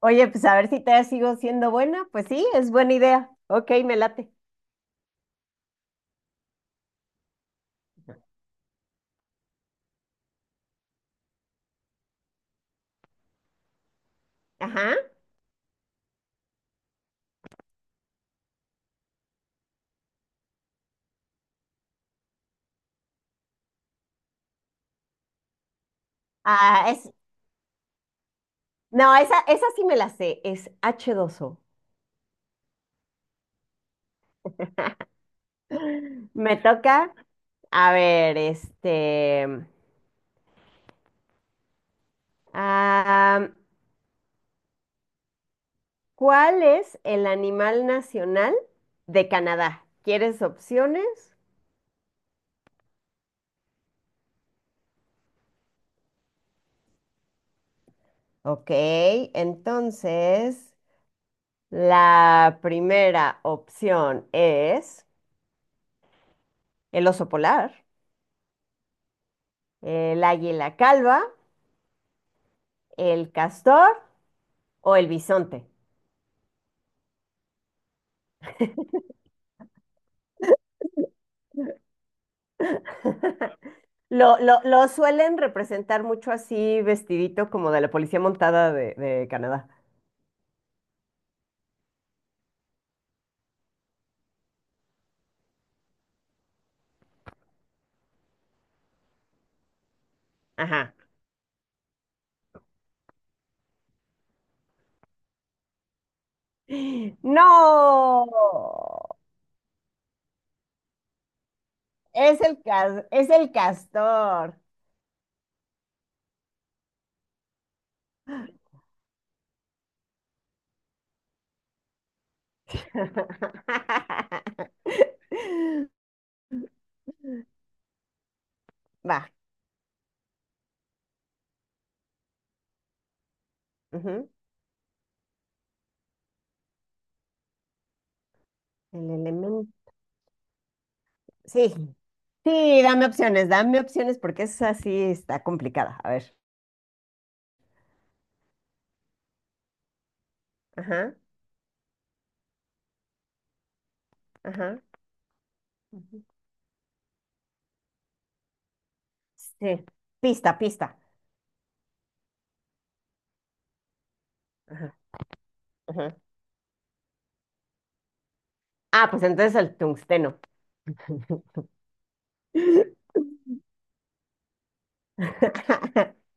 Oye, pues a ver si te sigo siendo buena. Pues sí, es buena idea. Ok, me late. Ajá. Ah, es, no, esa sí me la sé. Es H2O. Me toca. A ver, este. ah, ¿Cuál es el animal nacional de Canadá? ¿Quieres opciones? Ok, entonces la primera opción es el oso polar, el águila calva, el castor o el bisonte. Lo suelen representar mucho así, vestidito como de la policía montada de Canadá. Ajá. No, es el castor. Va. Ujú. El elemento. Sí, sí, dame opciones porque es así, está complicada. A ver. Ajá, ajá. Ujú. Sí. Pista, pista. Ajá, ajá. Ah, pues entonces el tungsteno.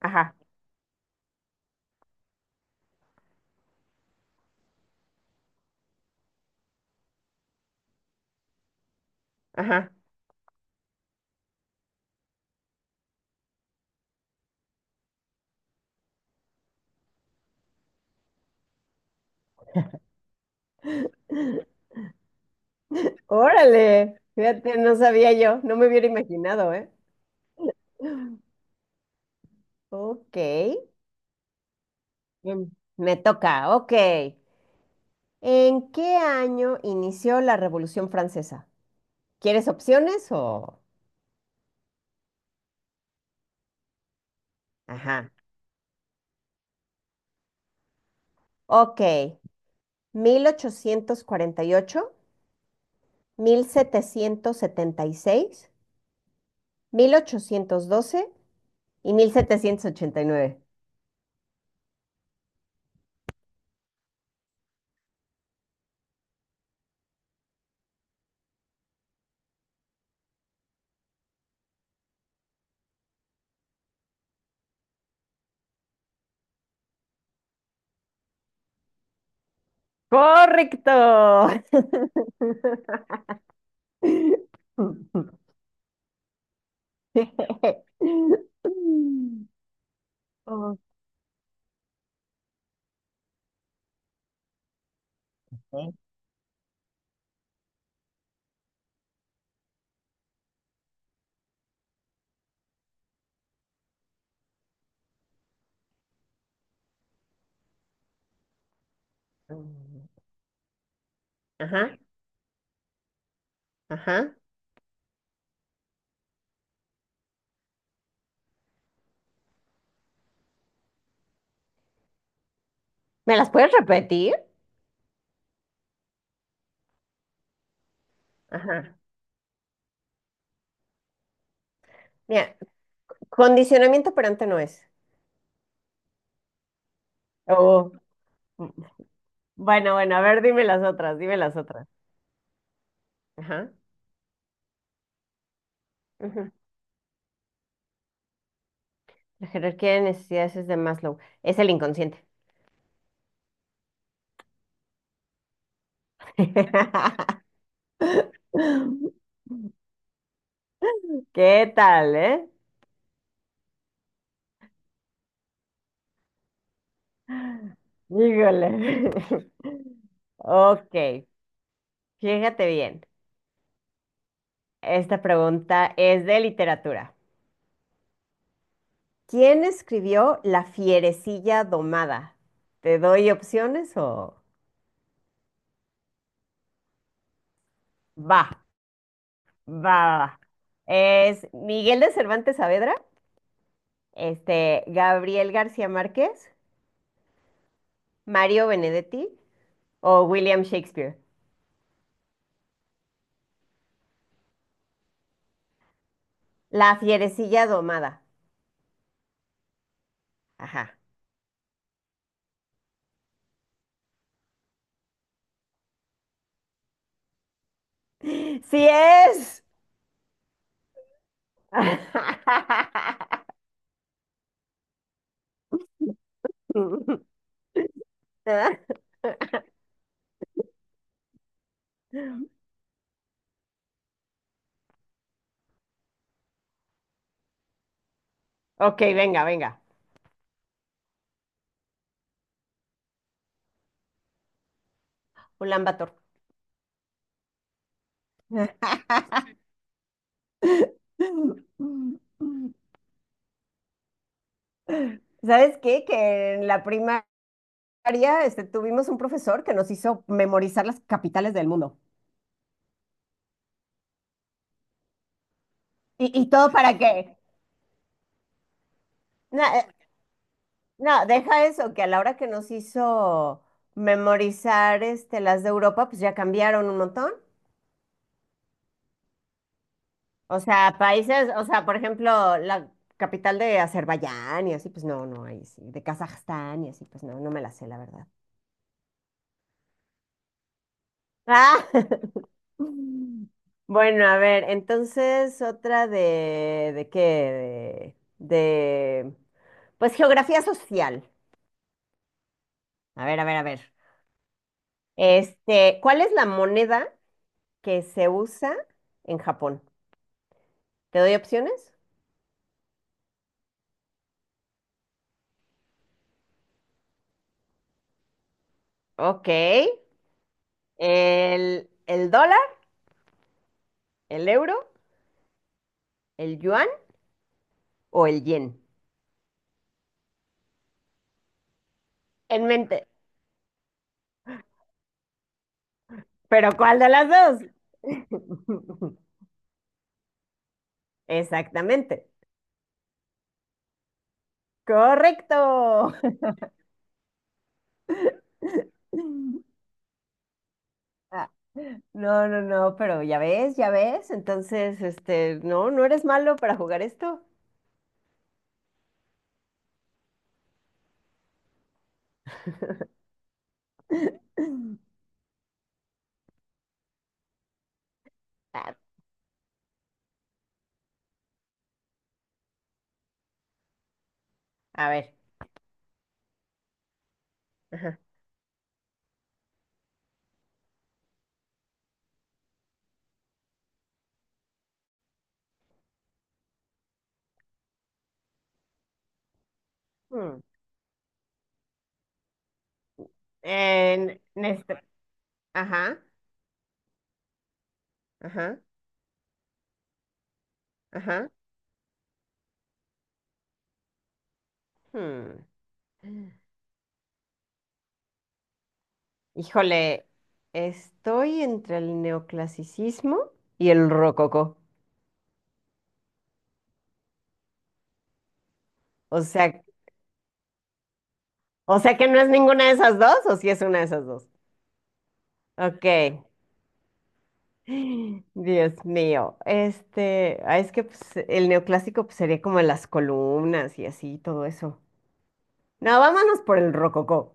Ajá, ajá. Órale, fíjate, no sabía yo, no me hubiera imaginado, ¿eh? Ok, bien, me toca, ok. ¿En qué año inició la Revolución Francesa? ¿Quieres opciones o...? Ajá, ok. 1848, mil setecientos setenta y seis, 1812 y 1789. Correcto. Ok. Ajá, ajá. ¿Me las puedes repetir? Ajá. Mira, condicionamiento operante no es. Oh, mm, bueno, bueno, a ver, dime las otras, dime las otras. Ajá. Ujú. La jerarquía de necesidades es de Maslow, es el inconsciente. ¿Qué tal, eh? Híjole. Ok, fíjate bien. Esta pregunta es de literatura. ¿Quién escribió La fierecilla domada? ¿Te doy opciones o...? Va, va, va, va. Es Miguel de Cervantes Saavedra, este, Gabriel García Márquez, Mario Benedetti o William Shakespeare. La fierecilla domada. Ajá. ¡Sí es! Ok, venga, venga. Un lambator. ¿Sabes qué? Que en la primaria, este, tuvimos un profesor que nos hizo memorizar las capitales del mundo. Y todo para qué? No, no, deja eso, que a la hora que nos hizo memorizar este, las de Europa, pues ya cambiaron un montón. O sea, países, o sea, por ejemplo, la capital de Azerbaiyán y así, pues no, no, ahí sí, de Kazajstán y así, pues no, no me la sé, la verdad. Ah, bueno, a ver, entonces otra ¿de qué? De, pues geografía social. A ver, a ver, a ver. Este, ¿cuál es la moneda que se usa en Japón? ¿Te doy opciones? Ok. ¿El dólar, el euro, el yuan o el yen? En mente. ¿Pero cuál de las dos? Exactamente. Correcto. Ah, no, no, no, pero ya ves, ya ves. Entonces, este, no, no eres malo para jugar esto. Ah, a ver. Ajá. Hmm. En, en este- Ajá, ajá, ajá. Hmm. Híjole, estoy entre el neoclasicismo y el rococó. O sea, o sea que no es ninguna de esas dos, o si es una de esas dos. Ok. Dios mío. Este, ah, es que pues, el neoclásico pues, sería como las columnas y así, todo eso. No, vámonos por el rococó.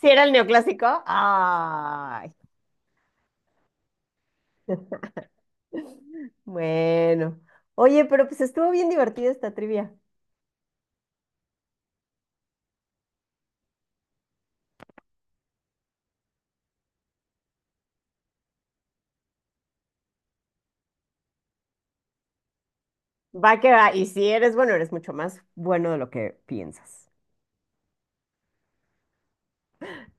¿Si era el neoclásico? Ay, bueno. Oye, pero pues estuvo bien divertida esta trivia. Va que va. Y si eres bueno, eres mucho más bueno de lo que piensas.